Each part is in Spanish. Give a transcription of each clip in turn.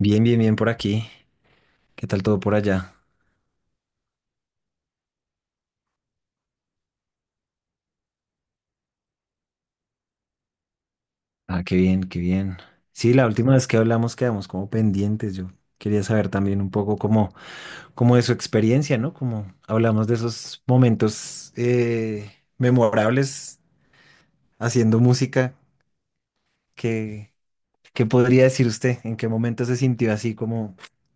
Bien, bien, bien por aquí. ¿Qué tal todo por allá? Ah, qué bien, qué bien. Sí, la última vez que hablamos quedamos como pendientes. Yo quería saber también un poco cómo de su experiencia, ¿no? Como hablamos de esos momentos memorables haciendo música. ¿Qué, ¿Qué podría decir usted? ¿En qué momento se sintió así como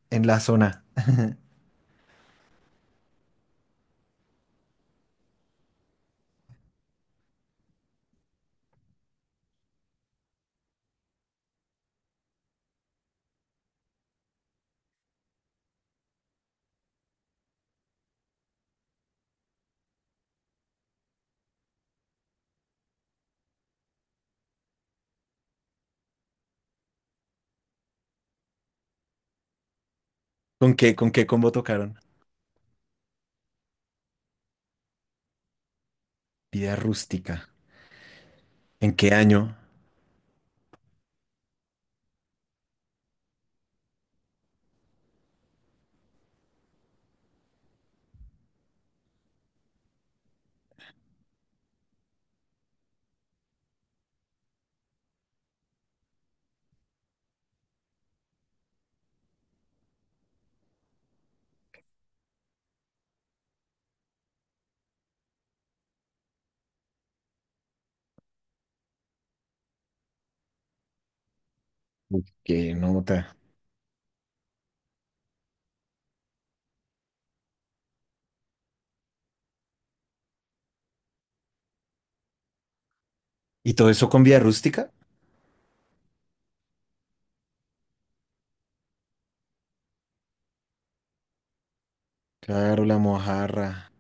en la zona? ¿Con qué combo tocaron? Vida rústica. ¿En qué año? Uf, qué nota. ¿Y todo eso con vida Rústica? Claro, la mojarra.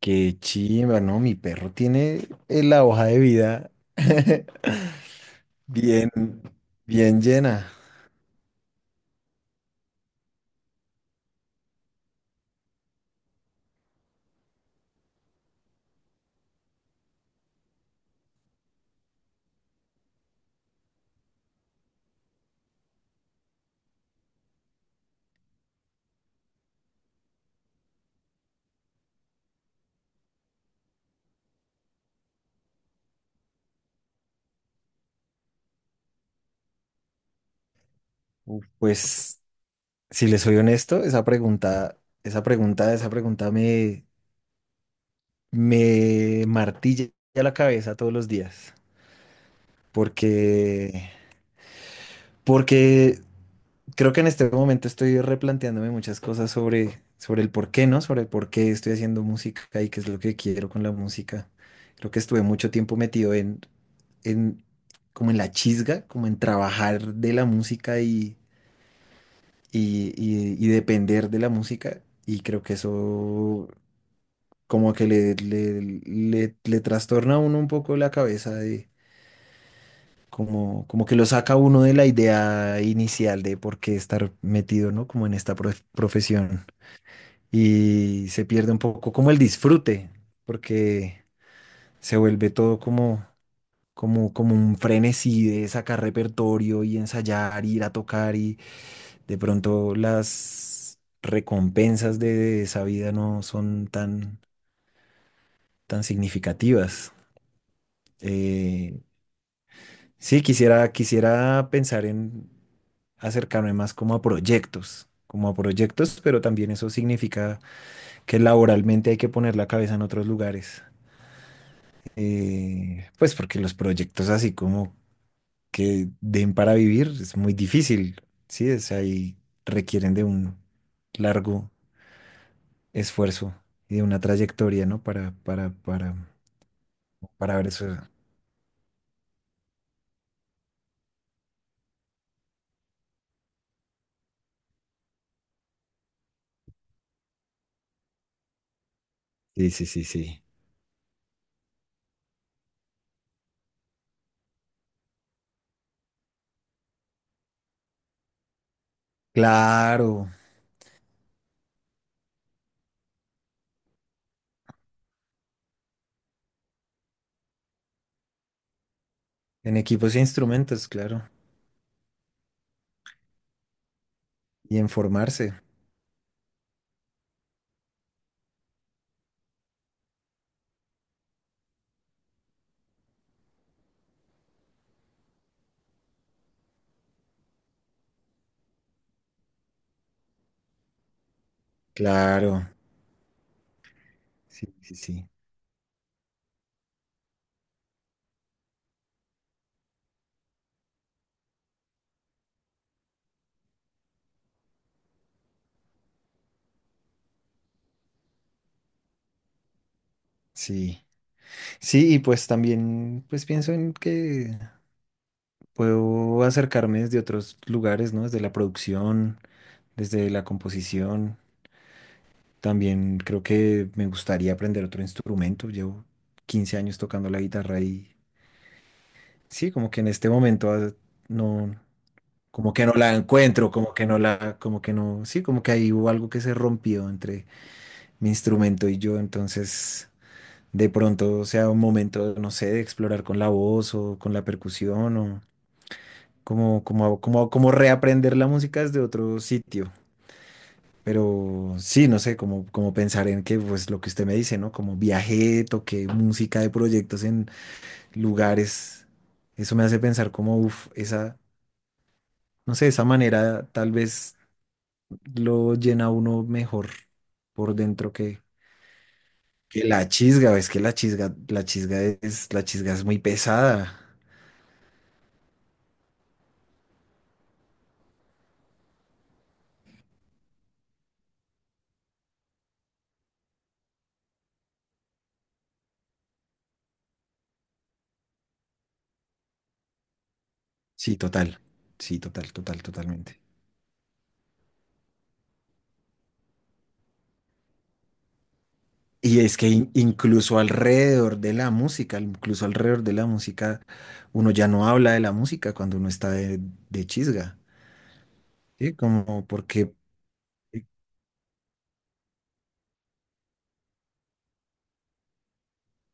Qué chimba, ¿no? Mi perro tiene la hoja de vida bien, bien llena. Uf, pues, si les soy honesto, esa pregunta me, me martilla la cabeza todos los días. Porque, porque creo que en este momento estoy replanteándome muchas cosas sobre el por qué, ¿no? Sobre el por qué estoy haciendo música y qué es lo que quiero con la música. Creo que estuve mucho tiempo metido en como en la chisga, como en trabajar de la música y depender de la música. Y creo que eso como que le trastorna a uno un poco la cabeza de como que lo saca a uno de la idea inicial de por qué estar metido, ¿no? Como en esta profesión. Y se pierde un poco como el disfrute, porque se vuelve todo como un frenesí de sacar repertorio y ensayar, ir a tocar y de pronto las recompensas de esa vida no son tan significativas. Eh, sí, quisiera pensar en acercarme más como a proyectos. Como a proyectos, pero también eso significa que laboralmente hay que poner la cabeza en otros lugares. Pues porque los proyectos así como que den para vivir es muy difícil, ¿sí? O sea, y requieren de un largo esfuerzo y de una trayectoria, ¿no? Para ver eso. Sí, sí, sí, sí. Claro, en equipos e instrumentos, claro. Y en formarse, claro. Sí, sí, sí. Sí. Sí, y pues también, pues pienso en que puedo acercarme desde otros lugares, ¿no? Desde la producción, desde la composición. También creo que me gustaría aprender otro instrumento. Llevo 15 años tocando la guitarra y sí, como que en este momento no, como que no la encuentro, como que no, sí, como que ahí hubo algo que se rompió entre mi instrumento y yo. Entonces, de pronto sea un momento, no sé, de explorar con la voz o con la percusión o como reaprender la música desde otro sitio. Pero sí, no sé, como pensar en que, pues lo que usted me dice, ¿no? Como viajé, toqué música de proyectos en lugares. Eso me hace pensar como, uff, esa, no sé, esa manera tal vez lo llena a uno mejor por dentro que la chisga. Es que la chisga es muy pesada. Sí, total. Sí, total, total, totalmente. Y es que incluso alrededor de la música, uno ya no habla de la música cuando uno está de chisga, ¿sí? Como porque, eh,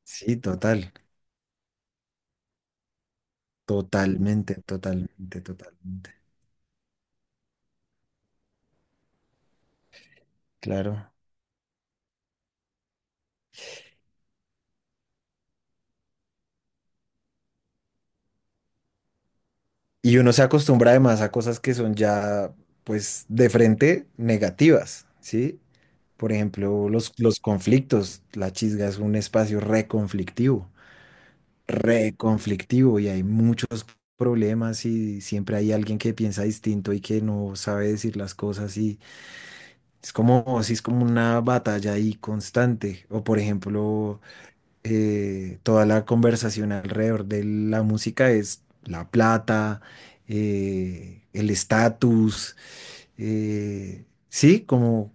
sí, total, totalmente, totalmente, totalmente, claro. Y uno se acostumbra además a cosas que son ya, pues, de frente negativas, ¿sí? Por ejemplo, los conflictos, la chisga es un espacio reconflictivo. Reconflictivo y hay muchos problemas y siempre hay alguien que piensa distinto y que no sabe decir las cosas y es como, sí, es como una batalla ahí constante. O por ejemplo, toda la conversación alrededor de la música es la plata, el estatus, sí, como...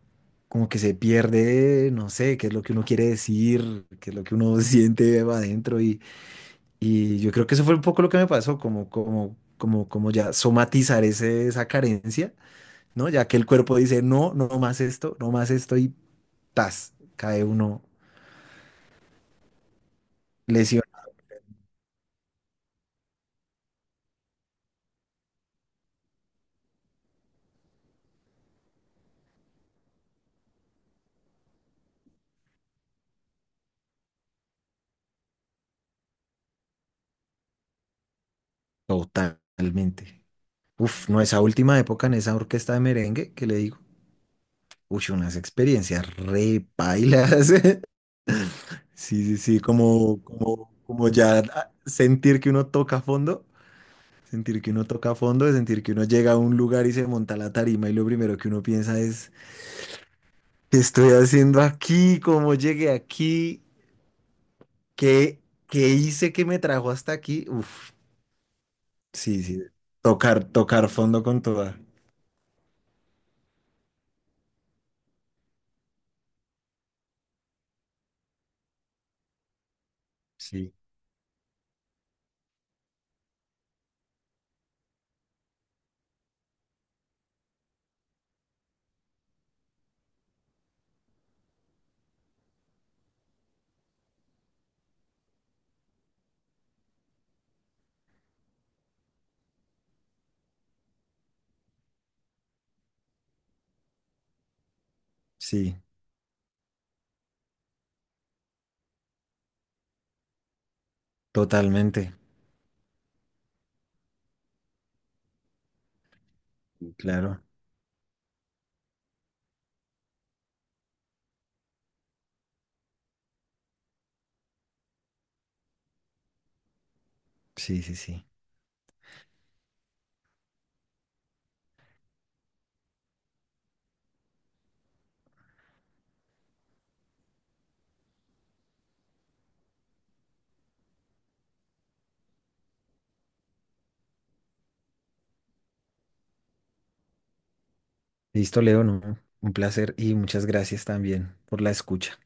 Como que se pierde, no sé, qué es lo que uno quiere decir, qué es lo que uno siente adentro y yo creo que eso fue un poco lo que me pasó, como ya somatizar ese, esa carencia, ¿no? Ya que el cuerpo dice, no, no más esto, no más esto y tas, cae uno lesionado totalmente. Uf, no, esa última época en esa orquesta de merengue que le digo, uy, unas experiencias re pailas. Sí, sí, sí, como ya sentir que uno toca a fondo. Sentir que uno toca a fondo, de sentir que uno llega a un lugar y se monta a la tarima y lo primero que uno piensa es, ¿qué estoy haciendo aquí? ¿Cómo llegué aquí? ¿Qué, ¿qué hice que me trajo hasta aquí? Uf, sí, sí. Tocar, tocar fondo con toda. Sí, sí, totalmente. Claro. Sí, sí, sí. Listo, Leo, ¿no? Un placer y muchas gracias también por la escucha.